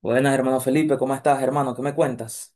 Buenas, hermano Felipe, ¿cómo estás, hermano? ¿Qué me cuentas?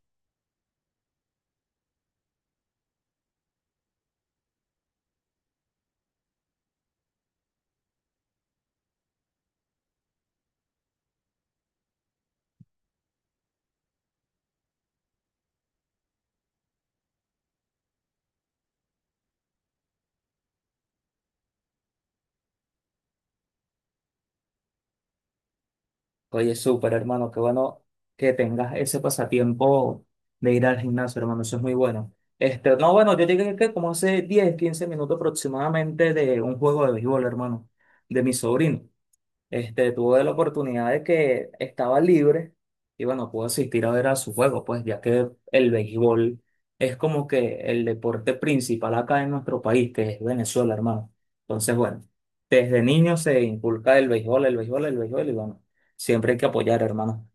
Oye, súper, hermano, qué bueno que tengas ese pasatiempo de ir al gimnasio, hermano, eso es muy bueno. Este, no, bueno, yo llegué que como hace 10 15 minutos aproximadamente de un juego de béisbol, hermano, de mi sobrino. Este, tuve la oportunidad de que estaba libre y bueno, pude asistir a ver a su juego, pues ya que el béisbol es como que el deporte principal acá en nuestro país, que es Venezuela, hermano. Entonces, bueno, desde niño se inculca el béisbol, el béisbol, el béisbol y bueno, siempre hay que apoyar, hermano.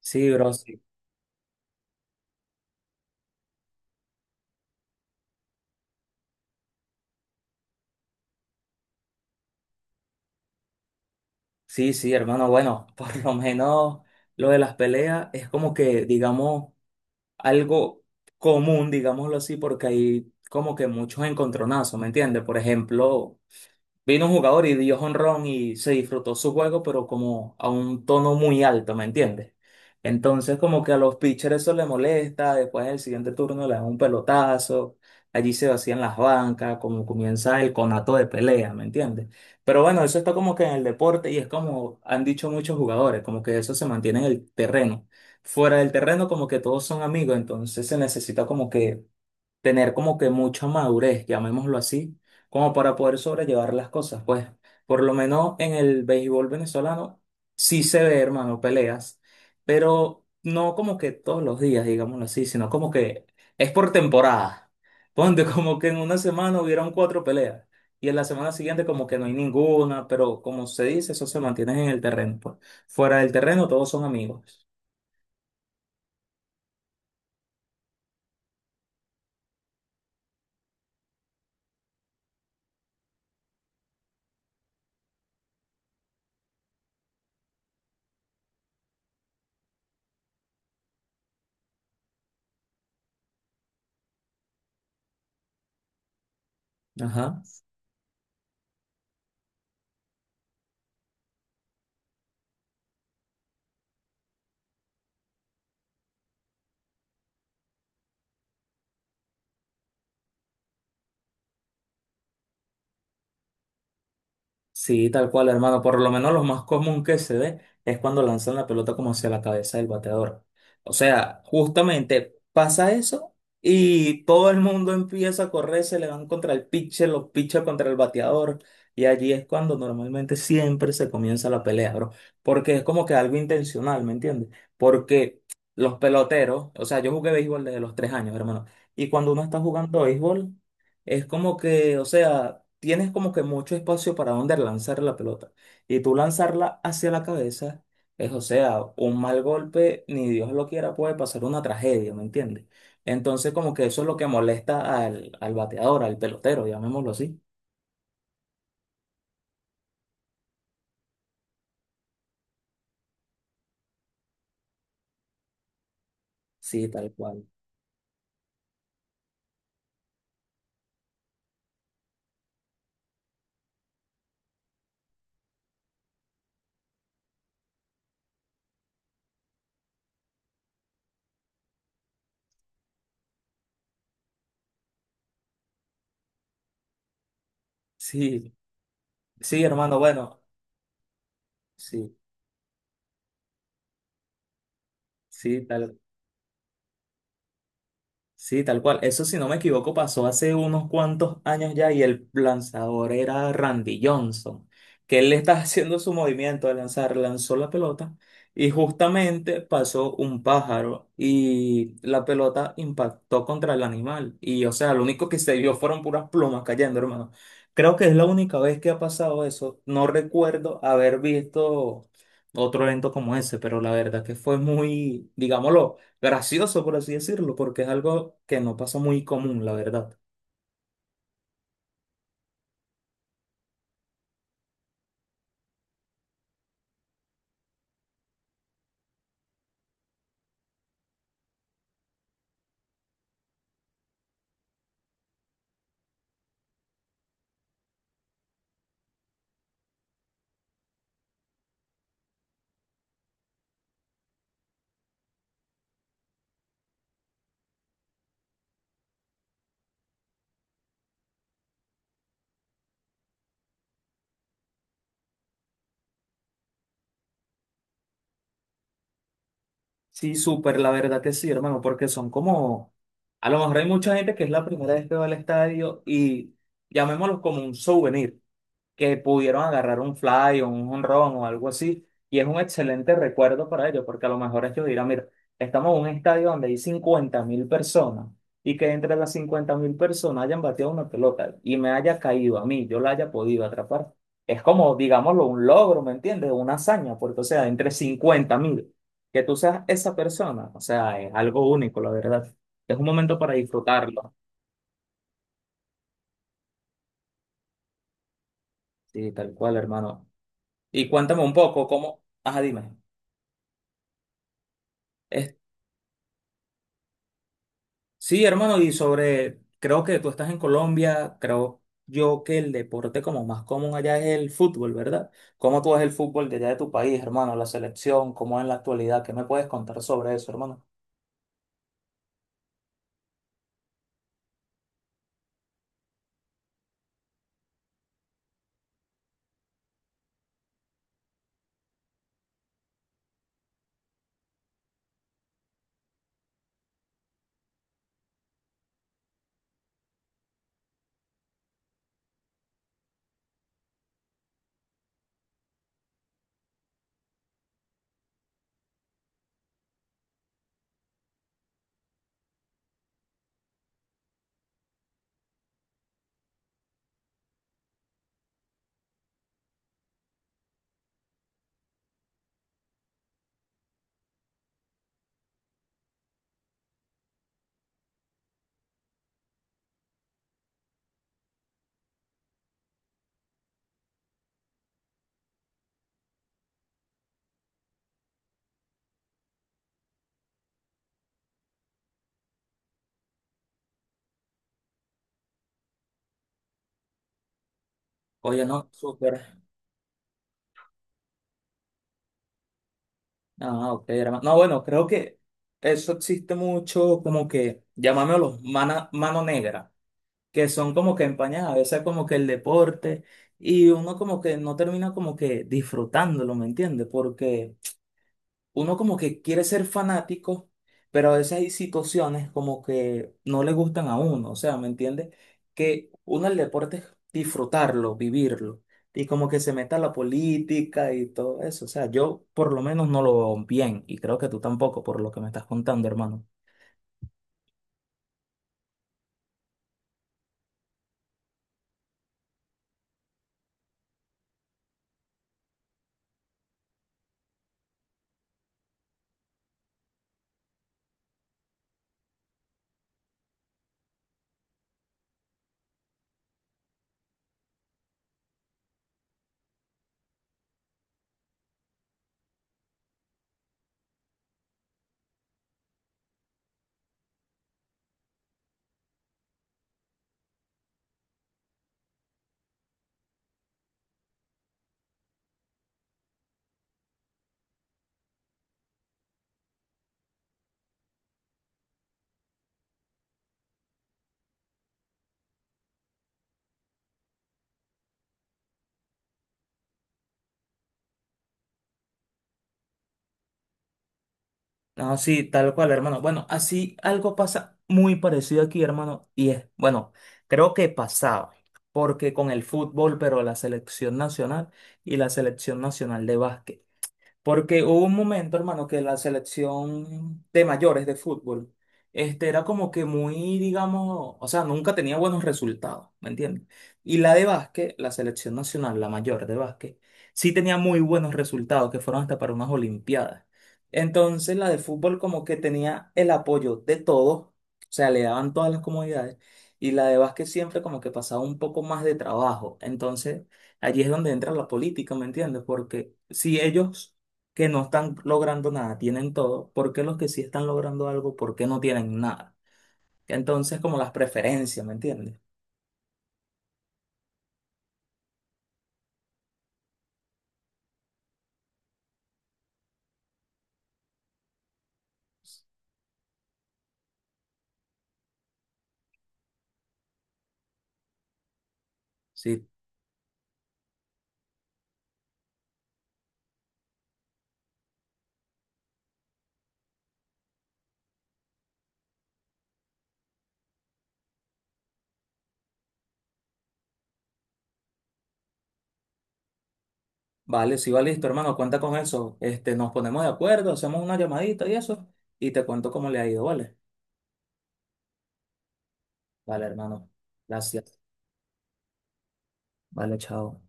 Sí, bro, sí. Sí, sí, hermano, bueno, por lo menos lo de las peleas es como que, digamos, algo común, digámoslo así, porque hay como que muchos encontronazos, ¿me entiendes? Por ejemplo, vino un jugador y dio jonrón y se disfrutó su juego, pero como a un tono muy alto, ¿me entiendes? Entonces, como que a los pitchers eso le molesta, después en el siguiente turno le dan un pelotazo, allí se vacían las bancas, como comienza el conato de pelea, ¿me entiendes? Pero bueno, eso está como que en el deporte y es como han dicho muchos jugadores, como que eso se mantiene en el terreno. Fuera del terreno, como que todos son amigos, entonces se necesita como que tener como que mucha madurez, llamémoslo así, como para poder sobrellevar las cosas. Pues por lo menos en el béisbol venezolano sí se ve, hermano, peleas, pero no como que todos los días, digámoslo así, sino como que es por temporada. Ponte como que en una semana hubieron 4 peleas. Y en la semana siguiente como que no hay ninguna, pero como se dice, eso se mantiene en el terreno, pues. Fuera del terreno todos son amigos. Ajá. Sí, tal cual, hermano. Por lo menos lo más común que se ve es cuando lanzan la pelota como hacia la cabeza del bateador. O sea, justamente pasa eso y todo el mundo empieza a correr, se le van contra el pitcher, los pitchers contra el bateador. Y allí es cuando normalmente siempre se comienza la pelea, bro. Porque es como que algo intencional, ¿me entiendes? Porque los peloteros, o sea, yo jugué béisbol desde los 3 años, hermano. Y cuando uno está jugando béisbol, es como que, o sea tienes como que mucho espacio para donde lanzar la pelota. Y tú lanzarla hacia la cabeza es, o sea, un mal golpe, ni Dios lo quiera, puede pasar una tragedia, ¿me entiendes? Entonces, como que eso es lo que molesta al bateador, al pelotero, llamémoslo así. Sí, tal cual. Sí, sí, hermano, bueno, sí, sí, tal sí, tal cual. Eso, si no me equivoco, pasó hace unos cuantos años ya y el lanzador era Randy Johnson, que él estaba haciendo su movimiento de lanzar, lanzó la pelota y justamente pasó un pájaro y la pelota impactó contra el animal. Y, o sea, lo único que se vio fueron puras plumas cayendo, hermano. Creo que es la única vez que ha pasado eso. No recuerdo haber visto otro evento como ese, pero la verdad que fue muy, digámoslo gracioso, por así decirlo, porque es algo que no pasa muy común, la verdad. Sí, súper, la verdad que sí, hermano, porque son como, a lo mejor hay mucha gente que es la primera vez que va al estadio y llamémoslo como un souvenir. Que pudieron agarrar un fly o un jonrón o algo así. Y es un excelente recuerdo para ellos, porque a lo mejor ellos dirán, mira, estamos en un estadio donde hay 50 mil personas y que entre las 50 mil personas hayan bateado una pelota y me haya caído a mí, yo la haya podido atrapar. Es como, digámoslo, un logro, ¿me entiendes? Una hazaña, porque o sea, entre 50 mil, que tú seas esa persona, o sea, es algo único, la verdad. Es un momento para disfrutarlo. Sí, tal cual, hermano. Y cuéntame un poco, ¿cómo? Ajá, dime. Sí, hermano, y sobre, creo que tú estás en Colombia, creo yo que el deporte como más común allá es el fútbol, ¿verdad? ¿Cómo tú ves el fútbol de allá de tu país, hermano? La selección, ¿cómo es en la actualidad? ¿Qué me puedes contar sobre eso, hermano? Oye, no, súper. Ah, ok, hermano. No, bueno, creo que eso existe mucho, como que, llamámoslo mano negra, que son como que empañadas, a veces como que el deporte, y uno como que no termina como que disfrutándolo, ¿me entiendes? Porque uno como que quiere ser fanático, pero a veces hay situaciones como que no le gustan a uno, o sea, ¿me entiendes? Que uno el deporte es disfrutarlo, vivirlo, y como que se meta la política y todo eso, o sea, yo por lo menos no lo veo bien, y creo que tú tampoco, por lo que me estás contando, hermano. No, sí, tal cual, hermano. Bueno, así algo pasa muy parecido aquí, hermano, y es, bueno, creo que pasaba, porque con el fútbol, pero la selección nacional y la selección nacional de básquet. Porque hubo un momento, hermano, que la selección de mayores de fútbol, este, era como que muy, digamos, o sea, nunca tenía buenos resultados, ¿me entiendes? Y la de básquet, la selección nacional, la mayor de básquet, sí tenía muy buenos resultados, que fueron hasta para unas olimpiadas. Entonces, la de fútbol como que tenía el apoyo de todos, o sea, le daban todas las comodidades, y la de básquet siempre como que pasaba un poco más de trabajo. Entonces, allí es donde entra la política, ¿me entiendes? Porque si ellos que no están logrando nada, tienen todo, ¿por qué los que sí están logrando algo, por qué no tienen nada? Entonces, como las preferencias, ¿me entiendes? Sí, vale, sí, vale, listo, hermano, cuenta con eso. Este, nos ponemos de acuerdo, hacemos una llamadita y eso, y te cuento cómo le ha ido, ¿vale? Vale, hermano, gracias. Vale, chao.